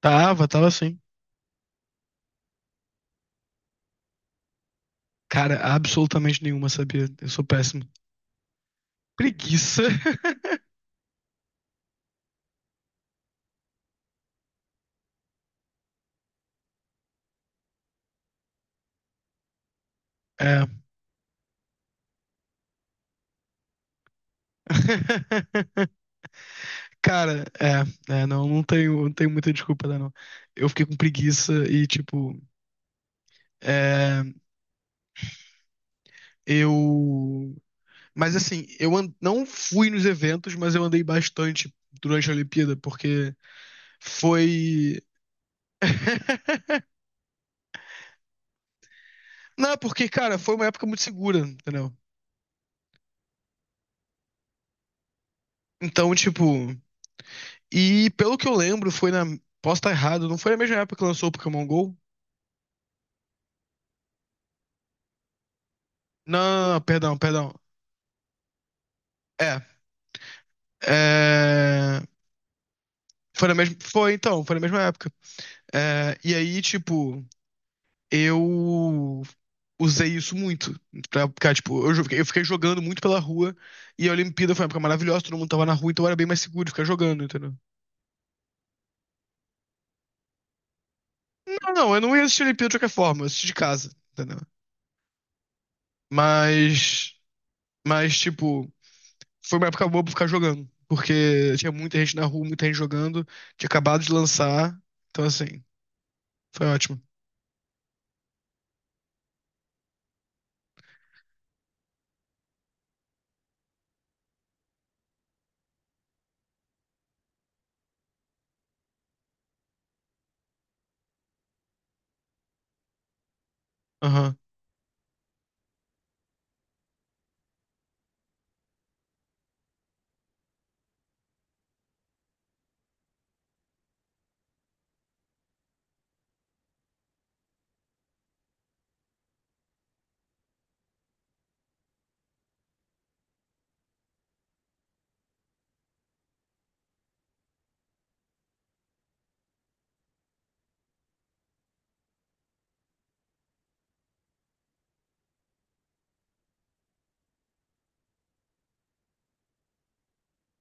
Tava, tava sim. Cara, absolutamente nenhuma, sabia? Eu sou péssimo. Preguiça. É. Cara, não, não tenho muita desculpa, né, não. Eu fiquei com preguiça e, tipo, é, eu. Mas, assim, não fui nos eventos, mas eu andei bastante durante a Olimpíada, porque foi. Não, porque, cara, foi uma época muito segura, entendeu? Então, tipo. E pelo que eu lembro, foi na. Posso estar errado, não foi na mesma época que lançou o Pokémon GO? Não, perdão, perdão. É. é, Foi na mesma. Foi então, foi na mesma época. É. E aí, tipo, eu usei isso muito. Pra ficar, tipo, eu fiquei jogando muito pela rua. E a Olimpíada foi uma época maravilhosa, todo mundo tava na rua, então era bem mais seguro de ficar jogando, entendeu? Não, não, eu não ia assistir a Olimpíada de qualquer forma, eu assisti de casa, entendeu? Mas. Mas, tipo. Foi uma época boa pra ficar jogando, porque tinha muita gente na rua, muita gente jogando, tinha acabado de lançar, então assim, foi ótimo. Aham.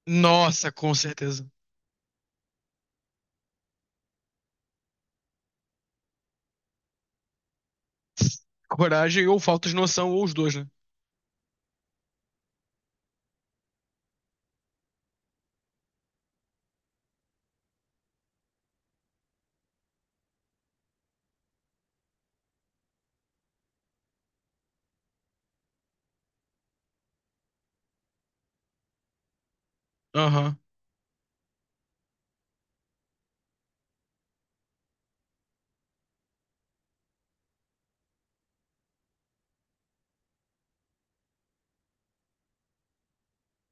Nossa, com certeza. Coragem ou falta de noção, ou os dois, né? Aham.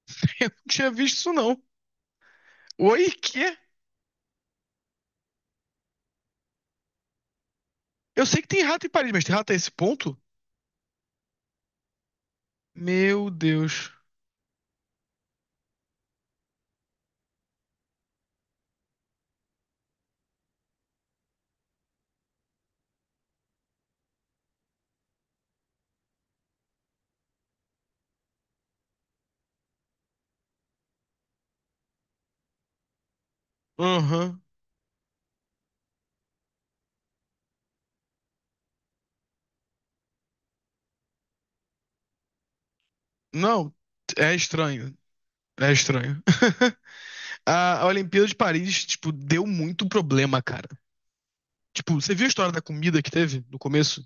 Eu não tinha visto isso, não. Oi, quê? Eu sei que tem rato em Paris, mas tem rato a esse ponto? Meu Deus. Aham. Não, é estranho. É estranho. A Olimpíada de Paris, tipo, deu muito problema, cara. Tipo, você viu a história da comida que teve no começo?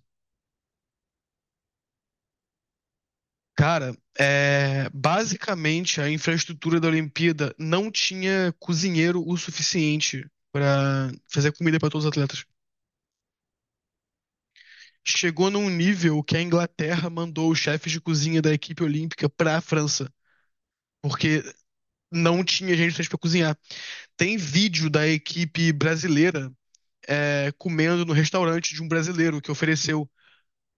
Cara, basicamente a infraestrutura da Olimpíada não tinha cozinheiro o suficiente pra fazer comida pra todos os atletas. Chegou num nível que a Inglaterra mandou os chefes de cozinha da equipe olímpica pra França, porque não tinha gente suficiente pra cozinhar. Tem vídeo da equipe brasileira comendo no restaurante de um brasileiro que ofereceu.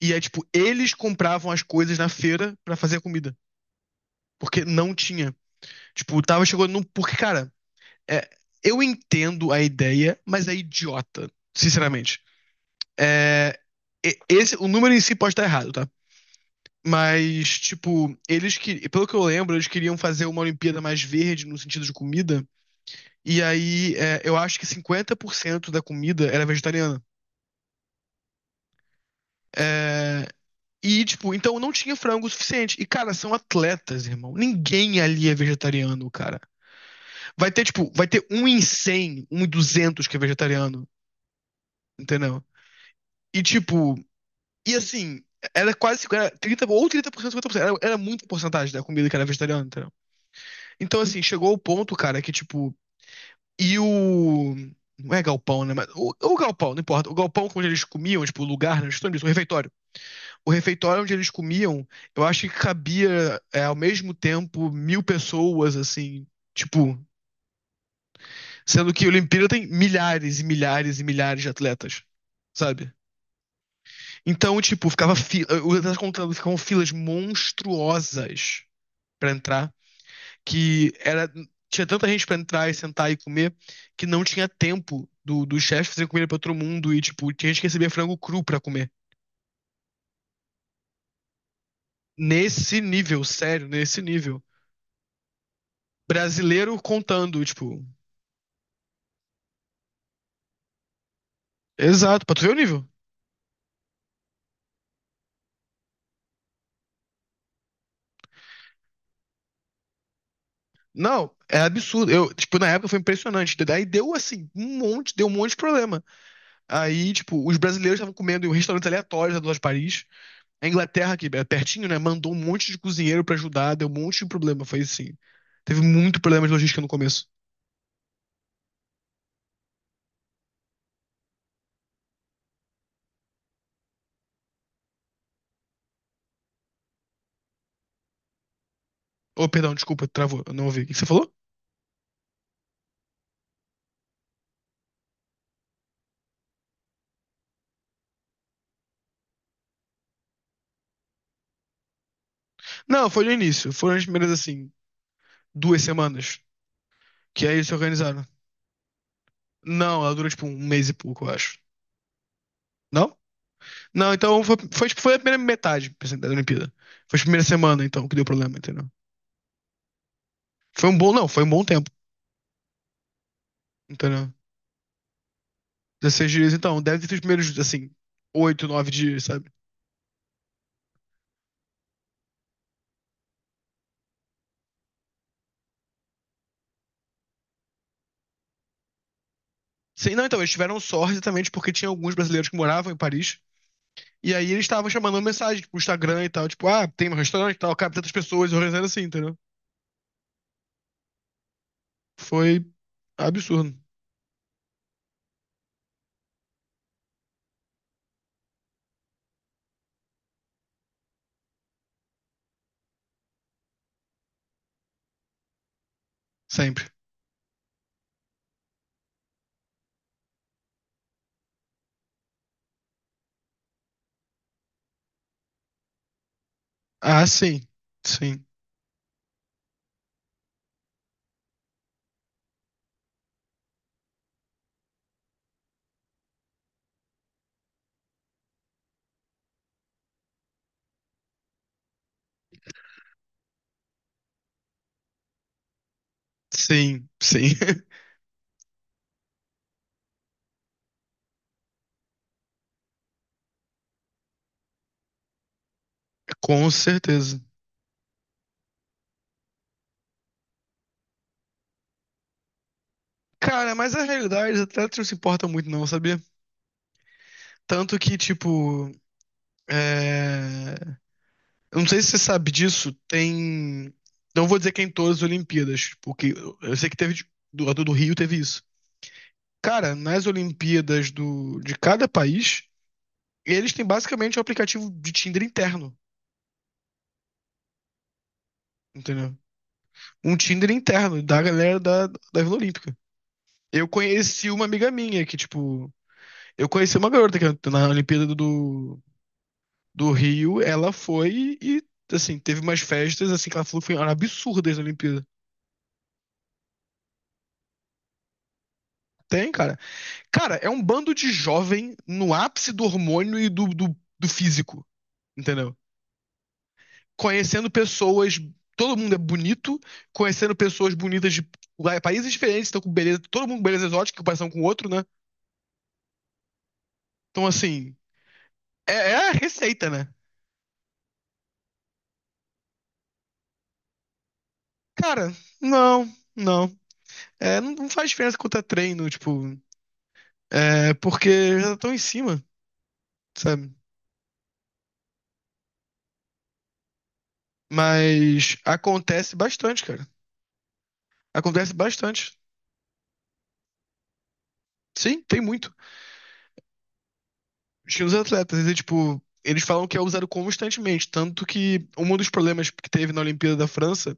E é tipo, eles compravam as coisas na feira pra fazer a comida, porque não tinha. Tipo, tava chegando num. Porque, cara. É, eu entendo a ideia, mas é idiota, sinceramente. É, Esse, o número em si pode estar errado, tá? Mas, tipo, eles que, pelo que eu lembro, eles queriam fazer uma Olimpíada mais verde no sentido de comida. E aí, eu acho que 50% da comida era vegetariana. É, e, tipo, então não tinha frango o suficiente. E, cara, são atletas, irmão. Ninguém ali é vegetariano, cara. Vai ter, tipo, vai ter um em 100, um em 200 que é vegetariano, entendeu? E, tipo, e assim, era quase era 30 ou 30%, 50%. Era muita porcentagem da comida que era vegetariana, entendeu? Então, assim, chegou o ponto, cara, que tipo. E o. Não é galpão, né? Mas o galpão, não importa. O galpão onde eles comiam, tipo, o lugar, né? Estou nisso, o refeitório. O refeitório onde eles comiam, eu acho que cabia, ao mesmo tempo, 1.000 pessoas, assim. Tipo, sendo que a Olimpíada tem milhares e milhares e milhares de atletas, sabe? Então, tipo, ficava fila. Os atletas contando, ficavam filas monstruosas pra entrar, que era tinha tanta gente pra entrar e sentar e comer que não tinha tempo do chefe fazer comida pra todo mundo e, tipo, tinha gente que recebia frango cru pra comer. Nesse nível, sério, nesse nível. Brasileiro contando, tipo, exato, pra tu ver o nível. Não, é absurdo. Eu, tipo, na época foi impressionante. Daí deu assim, um monte, deu um monte de problema. Aí, tipo, os brasileiros estavam comendo em um restaurante aleatório da Loja de Paris. A Inglaterra, que é pertinho, né? Mandou um monte de cozinheiro pra ajudar, deu um monte de problema. Foi assim. Teve muito problema de logística no começo. Oh, perdão, desculpa, travou, eu não ouvi. O que você falou? Não, foi no início. Foram as primeiras, assim, 2 semanas. Que aí eles se organizaram. Não, ela dura tipo um mês e pouco, eu acho. Não? Não, então foi, tipo, foi a primeira metade por da Olimpíada. Foi a primeira semana, então, que deu problema, entendeu? Foi um bom, não, foi um bom tempo, entendeu? 16 dias, então, deve ter sido os primeiros, assim, 8, 9 dias, sabe? Sim, não, então, eles tiveram sorte exatamente porque tinha alguns brasileiros que moravam em Paris. E aí eles estavam chamando mensagem pro Instagram e tal, tipo, ah, tem um restaurante e tal, cabe tantas pessoas, organizando assim, entendeu? Foi absurdo. Sempre. Ah, sim. Sim. Sim. Sim. Com certeza. Cara, mas a realidade até não se importa muito, não, sabia? Tanto que, tipo. É... Eu não sei se você sabe disso, tem. Não vou dizer que é em todas as Olimpíadas, porque eu sei que teve. A do Rio teve isso. Cara, nas Olimpíadas do, de cada país, eles têm basicamente um aplicativo de Tinder interno, entendeu? Um Tinder interno da galera da Vila Olímpica. Eu conheci uma amiga minha que, tipo, eu conheci uma garota que na Olimpíada do Rio, ela foi e, assim, teve umas festas, assim, que ela falou que foram absurdas na Olimpíada. Tem, cara. Cara, é um bando de jovem no ápice do hormônio e do físico, entendeu? Conhecendo pessoas. Todo mundo é bonito, conhecendo pessoas bonitas de países diferentes, estão com beleza, todo mundo com beleza exótica, comparação com o outro, né? Então, assim, é a receita, né? Cara, não, não. É, não, não faz diferença quanto é treino, tipo, é porque já estão em cima, sabe? Mas acontece bastante, cara. Acontece bastante. Sim, tem muito. Acho que os atletas, eles, tipo, eles falam que é usado constantemente, tanto que um dos problemas que teve na Olimpíada da França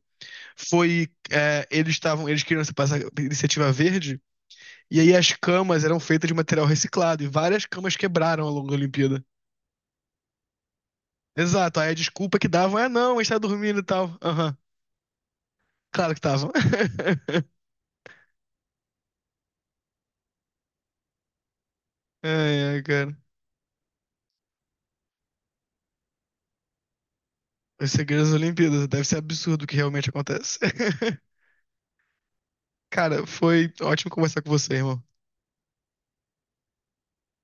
foi eles queriam passar iniciativa verde e aí as camas eram feitas de material reciclado e várias camas quebraram ao longo da Olimpíada. Exato, aí a desculpa que davam é não, a gente tá dormindo e tal. Aham, claro que estavam. Ai, ai, cara. Os segredos das Olimpíadas, deve ser absurdo o que realmente acontece. Cara, foi ótimo conversar com você, irmão.